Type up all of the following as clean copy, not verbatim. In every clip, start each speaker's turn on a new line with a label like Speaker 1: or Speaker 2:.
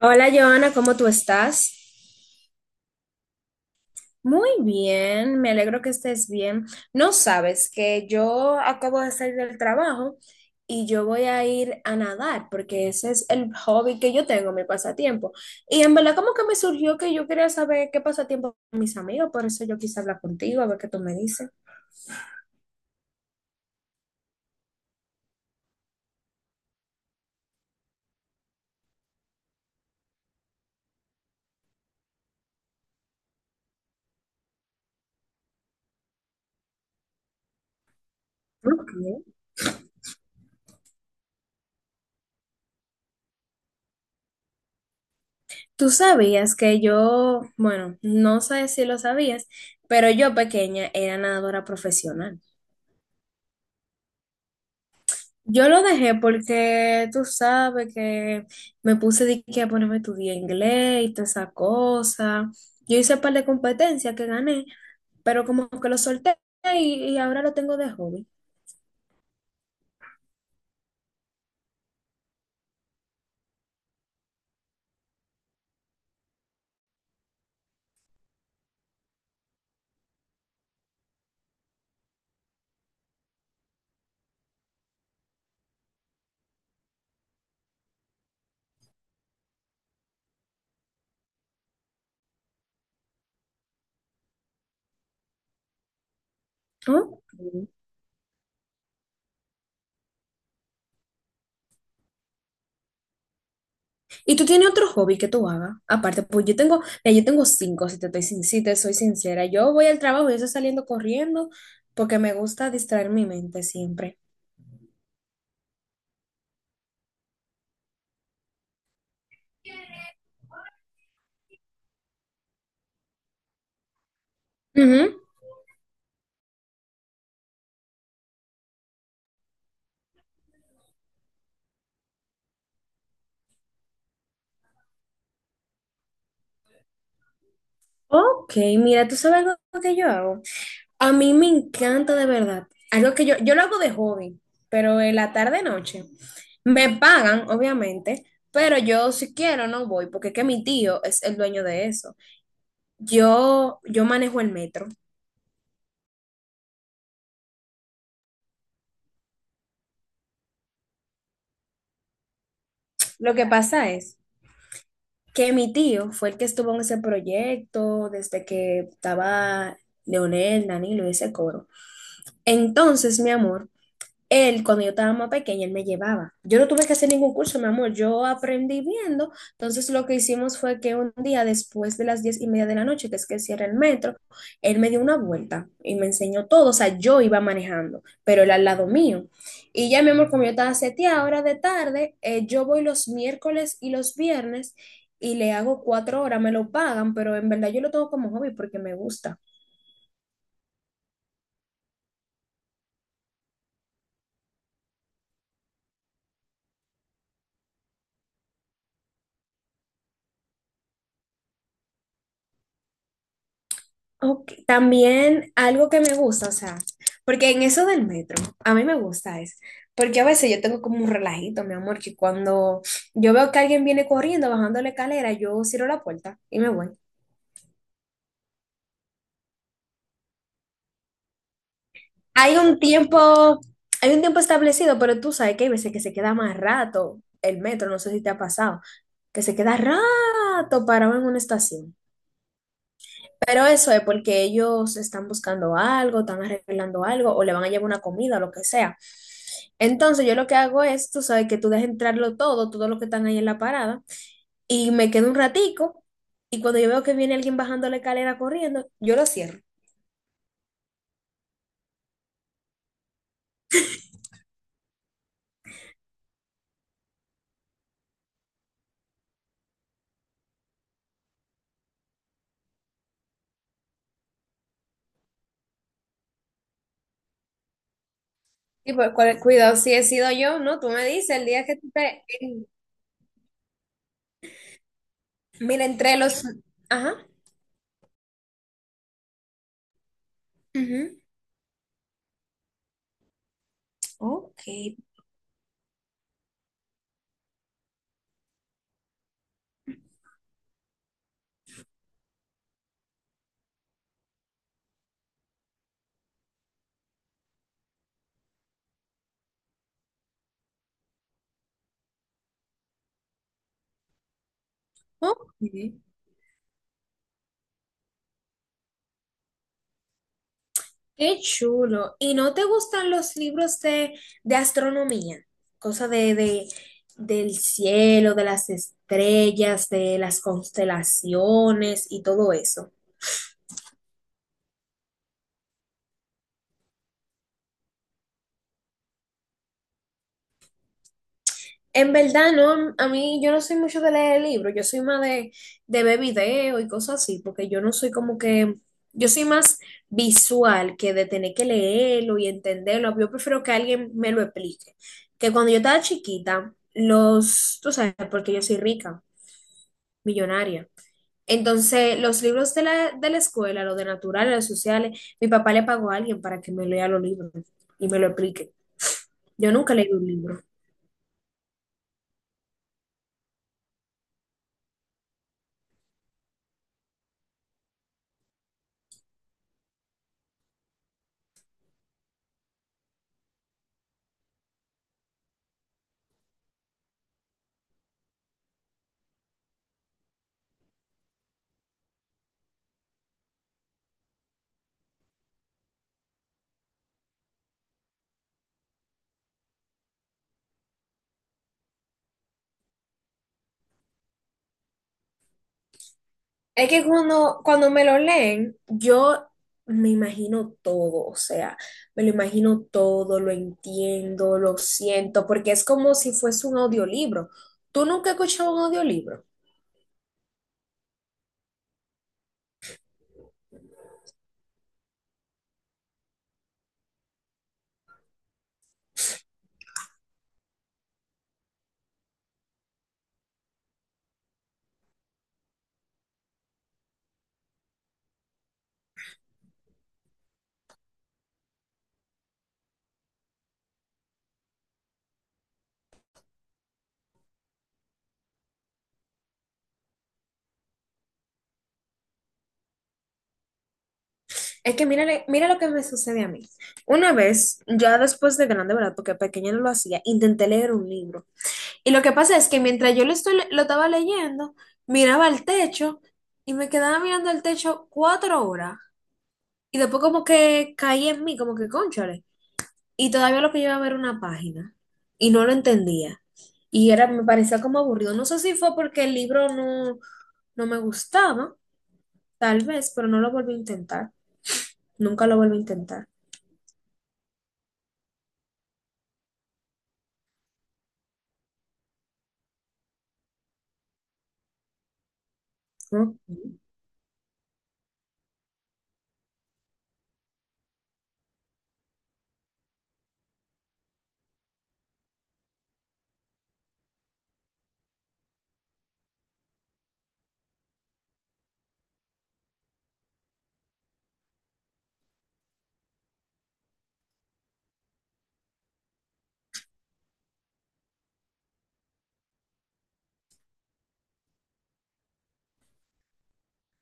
Speaker 1: Hola, Joana, ¿cómo tú estás? Muy bien, me alegro que estés bien. No sabes que yo acabo de salir del trabajo y yo voy a ir a nadar porque ese es el hobby que yo tengo, mi pasatiempo. Y en verdad como que me surgió que yo quería saber qué pasatiempo con mis amigos, por eso yo quise hablar contigo, a ver qué tú me dices. Ok. Tú sabías que yo, bueno, no sé si lo sabías, pero yo pequeña era nadadora profesional. Yo lo dejé porque tú sabes que me puse de que a ponerme a estudiar inglés y toda esa cosa. Yo hice un par de competencias que gané, pero como que lo solté y ahora lo tengo de hobby. ¿No? ¿Y tú tienes otro hobby que tú hagas? Aparte, pues yo tengo, mira, yo tengo cinco, si te soy sincera. Yo voy al trabajo y yo estoy saliendo corriendo porque me gusta distraer mi mente siempre. Ujú. Ok, mira, ¿tú sabes algo que yo hago? A mí me encanta de verdad. Algo que yo lo hago de hobby, pero en la tarde noche. Me pagan, obviamente, pero yo si quiero no voy, porque es que mi tío es el dueño de eso. Yo manejo el metro. Lo que pasa es que mi tío fue el que estuvo en ese proyecto desde que estaba Leonel, Danilo y ese coro. Entonces, mi amor. Él, cuando yo estaba más pequeña, él me llevaba. Yo no tuve que hacer ningún curso, mi amor. Yo aprendí viendo. Entonces, lo que hicimos fue que un día, después de las 10:30 de la noche, que es que cierra el metro, él me dio una vuelta y me enseñó todo. O sea, yo iba manejando, pero él al lado mío. Y ya, mi amor, como yo estaba seteada, ahora de tarde, yo voy los miércoles y los viernes y le hago 4 horas. Me lo pagan, pero en verdad yo lo tengo como hobby porque me gusta. Ok, también algo que me gusta, o sea, porque en eso del metro, a mí me gusta es, porque a veces yo tengo como un relajito, mi amor, que cuando yo veo que alguien viene corriendo, bajando la escalera, yo cierro la puerta y me voy. Hay un tiempo, hay un tiempo establecido, pero tú sabes que hay veces que se queda más rato el metro, no sé si te ha pasado, que se queda rato parado en una estación. Pero eso es porque ellos están buscando algo, están arreglando algo, o le van a llevar una comida, lo que sea. Entonces yo lo que hago es, tú sabes, que tú dejas entrarlo todo, todo lo que están ahí en la parada, y me quedo un ratico, y cuando yo veo que viene alguien bajando la escalera corriendo, yo lo cierro. Y pues, cuidado, si he sido yo, ¿no? Tú me dices, el día que te... Mira, entre los... Ajá. Ujú. Ok, ok. Qué chulo. ¿Y no te gustan los libros de, astronomía? Cosa del cielo, de las estrellas, de las constelaciones y todo eso. En verdad, no, a mí yo no soy mucho de leer libros, yo soy más de ver videos y cosas así, porque yo no soy como que, yo soy más visual que de tener que leerlo y entenderlo. Yo prefiero que alguien me lo explique. Que cuando yo estaba chiquita, los, tú sabes, porque yo soy rica. Millonaria. Entonces, los libros de la escuela, los de naturales, los sociales, mi papá le pagó a alguien para que me lea los libros y me lo explique. Yo nunca leí un libro. Es que cuando me lo leen, yo me imagino todo, o sea, me lo imagino todo, lo entiendo, lo siento, porque es como si fuese un audiolibro. ¿Tú nunca has escuchado un audiolibro? Es que mira, mira lo que me sucede a mí. Una vez, ya después de grande, ¿verdad? Porque pequeña no lo hacía, intenté leer un libro. Y lo que pasa es que mientras yo lo, estoy, le- lo estaba leyendo, miraba al techo y me quedaba mirando al techo 4 horas. Y después como que caí en mí, como que cónchale. Y todavía lo que yo iba a ver era una página y no lo entendía. Y era, me parecía como aburrido. No sé si fue porque el libro no me gustaba, tal vez, pero no lo volví a intentar. Nunca lo volví a intentar. ¿No?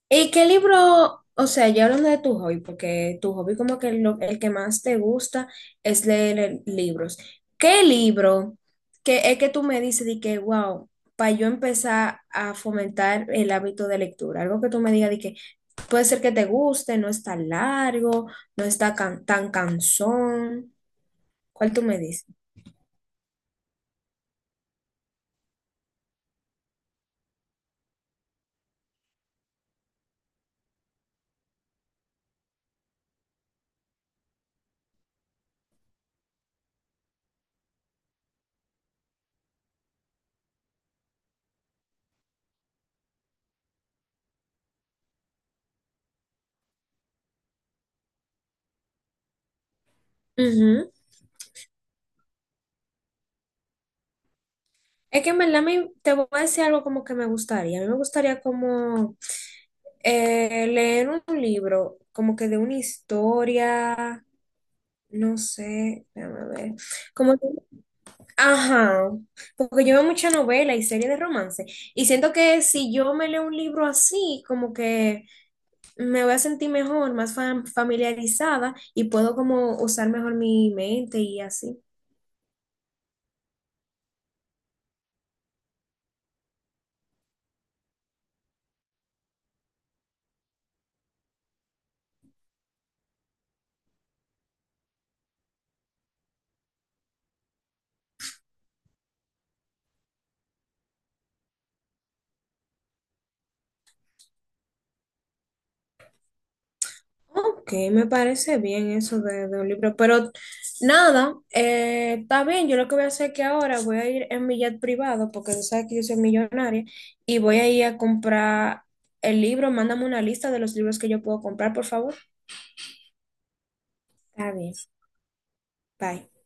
Speaker 1: ¿Y qué libro, o sea, ya hablando de tu hobby, porque tu hobby como que el que más te gusta es leer libros. ¿Qué libro que es que tú me dices de que, wow, para yo empezar a fomentar el hábito de lectura? Algo que tú me digas de que puede ser que te guste, no está largo, no está tan cansón. ¿Cuál tú me dices? Es que en verdad te voy a decir algo como que me gustaría. A mí me gustaría como leer un libro, como que de una historia, no sé, déjame ver. Como que- ajá, porque yo veo mucha novela y serie de romance. Y siento que si yo me leo un libro así, como que me voy a sentir mejor, más familiarizada y puedo como usar mejor mi mente y así. Ok, me parece bien eso de un libro, pero nada, está bien, yo lo que voy a hacer es que ahora voy a ir en mi jet privado, porque tú sabes que yo soy millonaria, y voy a ir a comprar el libro, mándame una lista de los libros que yo puedo comprar, por favor. Está bien, bye.